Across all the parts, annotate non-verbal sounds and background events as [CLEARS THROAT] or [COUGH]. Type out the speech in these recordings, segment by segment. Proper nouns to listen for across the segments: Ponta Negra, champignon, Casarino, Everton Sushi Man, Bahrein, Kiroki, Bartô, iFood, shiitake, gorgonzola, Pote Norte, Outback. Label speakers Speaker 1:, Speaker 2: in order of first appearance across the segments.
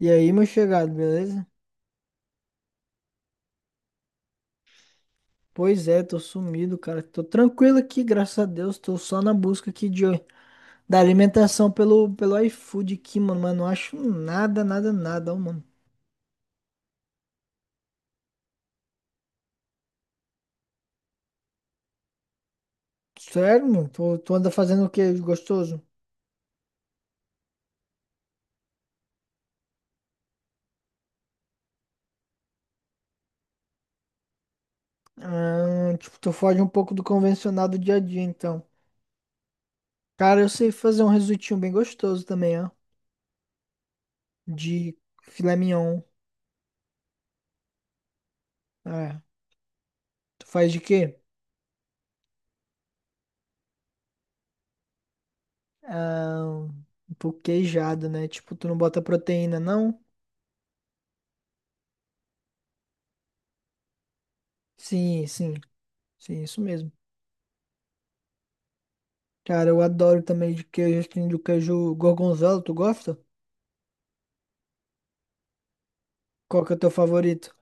Speaker 1: E aí, meu chegado, beleza? Pois é, tô sumido, cara. Tô tranquilo aqui, graças a Deus. Tô só na busca aqui de, da alimentação pelo iFood aqui, mano. Mas não acho nada, nada, nada, ó, mano. Sério, mano? Tu anda fazendo o que de gostoso? Ah, tipo, tu foge um pouco do convencional do dia a dia, então. Cara, eu sei fazer um risotinho bem gostoso também, ó. De filé mignon. É. Tu faz de quê? Ah, um pouco queijado, né? Tipo, tu não bota proteína, não? Sim, sim. Sim, isso mesmo. Cara, eu adoro também de queijo, tem do queijo gorgonzola, tu gosta? Qual que é o teu favorito?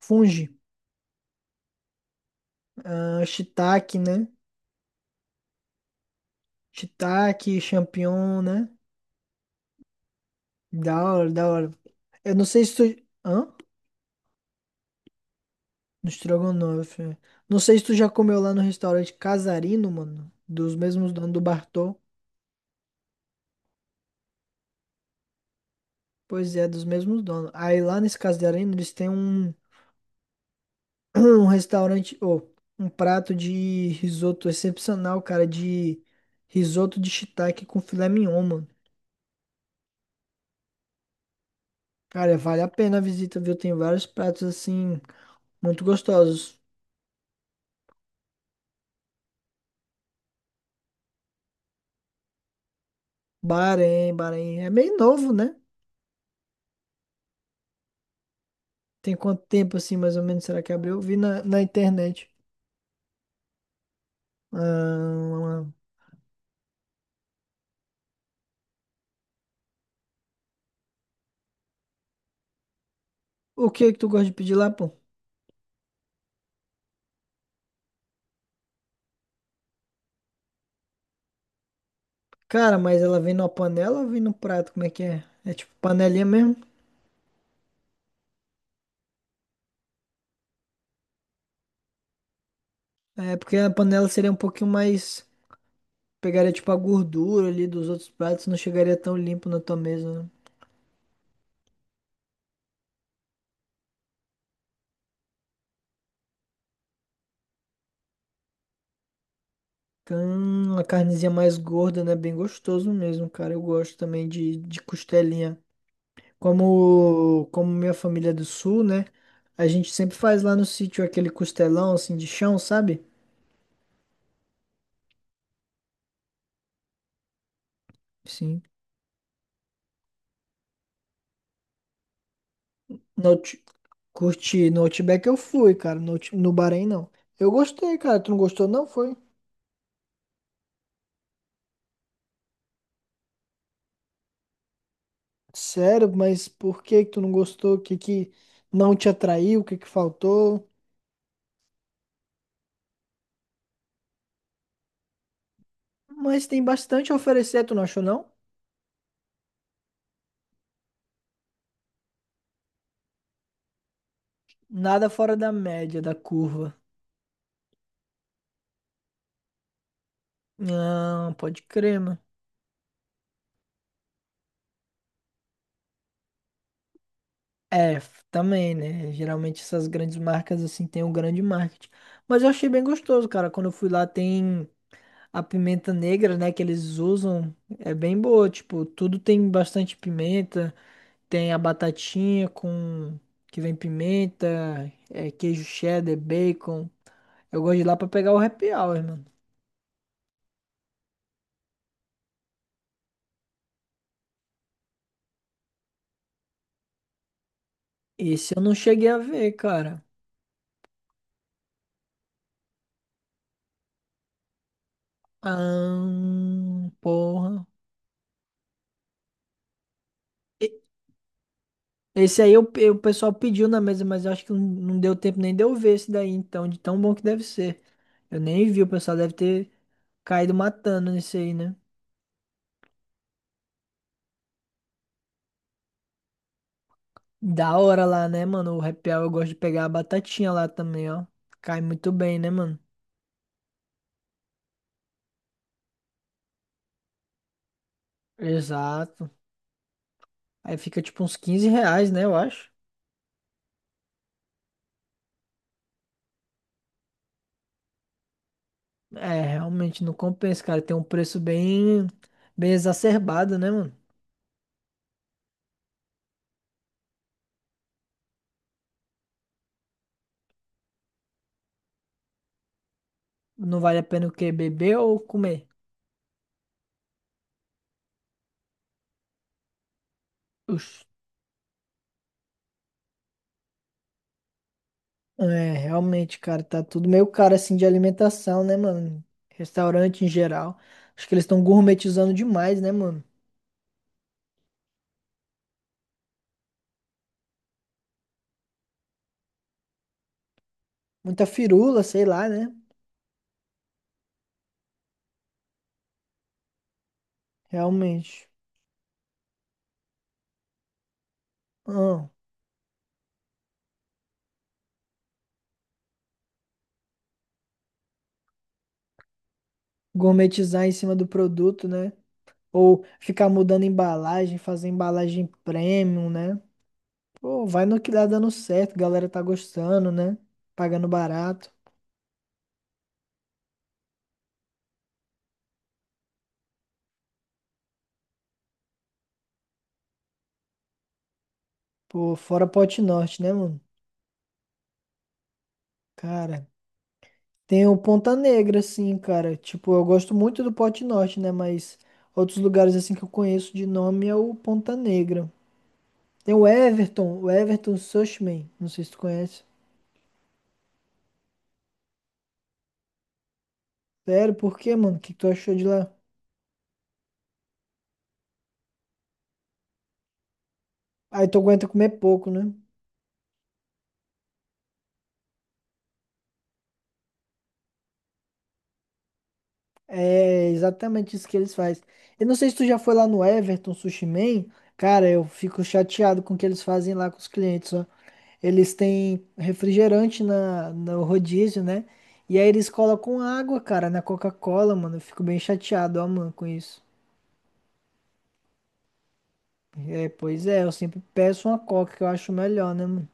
Speaker 1: Fungi. Ah, shiitake, né? Shiitake, champignon, né? Da hora, da hora. Eu não sei se tu... Hã? No estrogonofe. É. Não sei se tu já comeu lá no restaurante Casarino, mano. Dos mesmos donos do Bartô. Pois é, dos mesmos donos. Aí lá nesse Casarino, eles têm um... [CLEARS THROAT] um restaurante, ou um prato de risoto excepcional, cara, de risoto de shiitake com filé mignon, mano. Cara, vale a pena a visita, viu? Tem vários pratos assim muito gostosos. Bahrein, Bahrein é meio novo, né? Tem quanto tempo assim, mais ou menos, será que abriu? Eu vi na internet. Ah, o que que tu gosta de pedir lá, pô? Cara, mas ela vem numa panela ou vem no prato? Como é que é? É tipo panelinha mesmo? É, porque a panela seria um pouquinho mais. Pegaria tipo a gordura ali dos outros pratos, não chegaria tão limpo na tua mesa, né? Uma carnezinha mais gorda, né? Bem gostoso mesmo, cara. Eu gosto também de costelinha. Como minha família é do sul, né? A gente sempre faz lá no sítio aquele costelão assim de chão, sabe? Sim. No, out- Curti. No Outback eu fui, cara. No Bahrein não. Eu gostei, cara. Tu não gostou, não? Foi? Sério, mas por que que tu não gostou? O que não te atraiu? O que que faltou? Mas tem bastante a oferecer, tu não achou, não? Nada fora da média, da curva. Não, pode crer, mano. É, também, né? Geralmente essas grandes marcas, assim, têm um grande marketing. Mas eu achei bem gostoso, cara. Quando eu fui lá, tem a pimenta negra, né? Que eles usam. É bem boa, tipo, tudo tem bastante pimenta. Tem a batatinha com... Que vem pimenta, é, queijo cheddar, bacon. Eu gosto de ir lá pra pegar o happy hour, mano. Esse eu não cheguei a ver, cara. Ah, porra. E- Esse aí o pessoal pediu na mesa, mas eu acho que não deu tempo nem de eu ver esse daí, então, de tão bom que deve ser. Eu nem vi, o pessoal deve ter caído matando nesse aí, né? Da hora lá, né, mano? O repel eu gosto de pegar a batatinha lá também, ó. Cai muito bem, né, mano? Exato. Aí fica tipo uns 15 reais, né, eu acho. É, realmente não compensa, cara. Tem um preço bem, bem exacerbado, né, mano? Não vale a pena o quê? Beber ou comer? Oxe. É, realmente, cara, tá tudo meio caro assim de alimentação, né, mano? Restaurante em geral. Acho que eles estão gourmetizando demais, né, mano? Muita firula, sei lá, né? Realmente. Ah, gourmetizar em cima do produto, né? Ou ficar mudando embalagem, fazer embalagem premium, né? Pô, vai no que dá dando certo, a galera tá gostando, né? Pagando barato. Pô, fora Pote Norte, né, mano? Cara. Tem o Ponta Negra, assim, cara. Tipo, eu gosto muito do Pote Norte, né? Mas outros lugares, assim, que eu conheço de nome é o Ponta Negra. Tem o Everton Sushman. Não sei se tu conhece. Sério, por quê, mano? O que que tu achou de lá? Aí tu aguenta comer pouco, né? É exatamente isso que eles fazem. Eu não sei se tu já foi lá no Everton Sushi Man. Cara, eu fico chateado com o que eles fazem lá com os clientes, ó. Eles têm refrigerante no rodízio, né? E aí eles colocam água, cara, na Coca-Cola, mano. Eu fico bem chateado, ó, mano, com isso. É, pois é, eu sempre peço uma Coca que eu acho melhor, né, mano?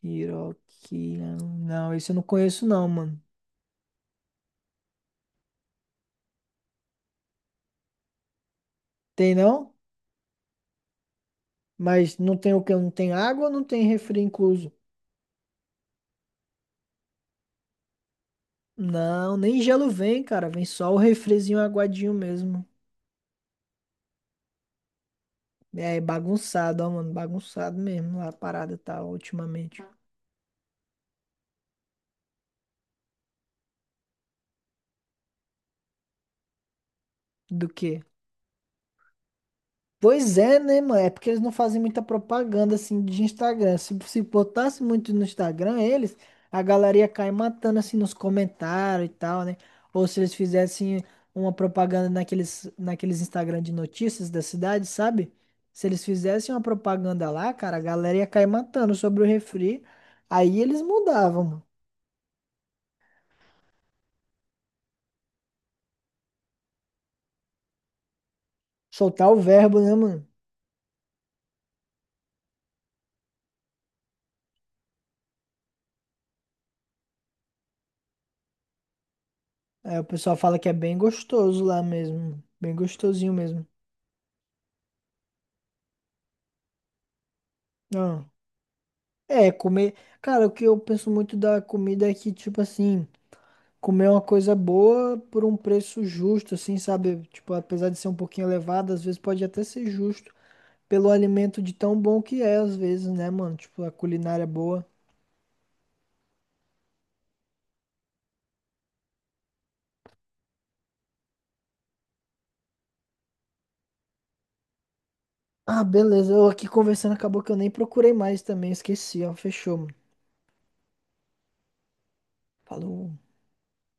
Speaker 1: Kiroki. Não, esse eu não conheço, não, mano. Tem não? Mas não tem o quê? Não tem água ou não tem refri incluso? Não, nem gelo vem, cara. Vem só o refrizinho aguadinho mesmo. É bagunçado, ó, mano. Bagunçado mesmo. A parada tá ultimamente. Do quê? Pois é, né, mano? É porque eles não fazem muita propaganda assim de Instagram. Se botasse muito no Instagram, eles, a galera ia cair matando assim nos comentários e tal, né? Ou se eles fizessem uma propaganda naqueles Instagram de notícias da cidade, sabe? Se eles fizessem uma propaganda lá, cara, a galera ia cair matando sobre o refri. Aí eles mudavam, mano. Soltar o verbo, né, mano? Aí o pessoal fala que é bem gostoso lá mesmo. Bem gostosinho mesmo. Ah. É, comer. Cara, o que eu penso muito da comida é que, tipo assim, comer é uma coisa boa por um preço justo, assim, sabe? Tipo, apesar de ser um pouquinho elevado, às vezes pode até ser justo pelo alimento de tão bom que é, às vezes, né, mano? Tipo, a culinária é boa. Ah, beleza. Eu aqui conversando, acabou que eu nem procurei mais também, esqueci, ó. Fechou, mano. Falou.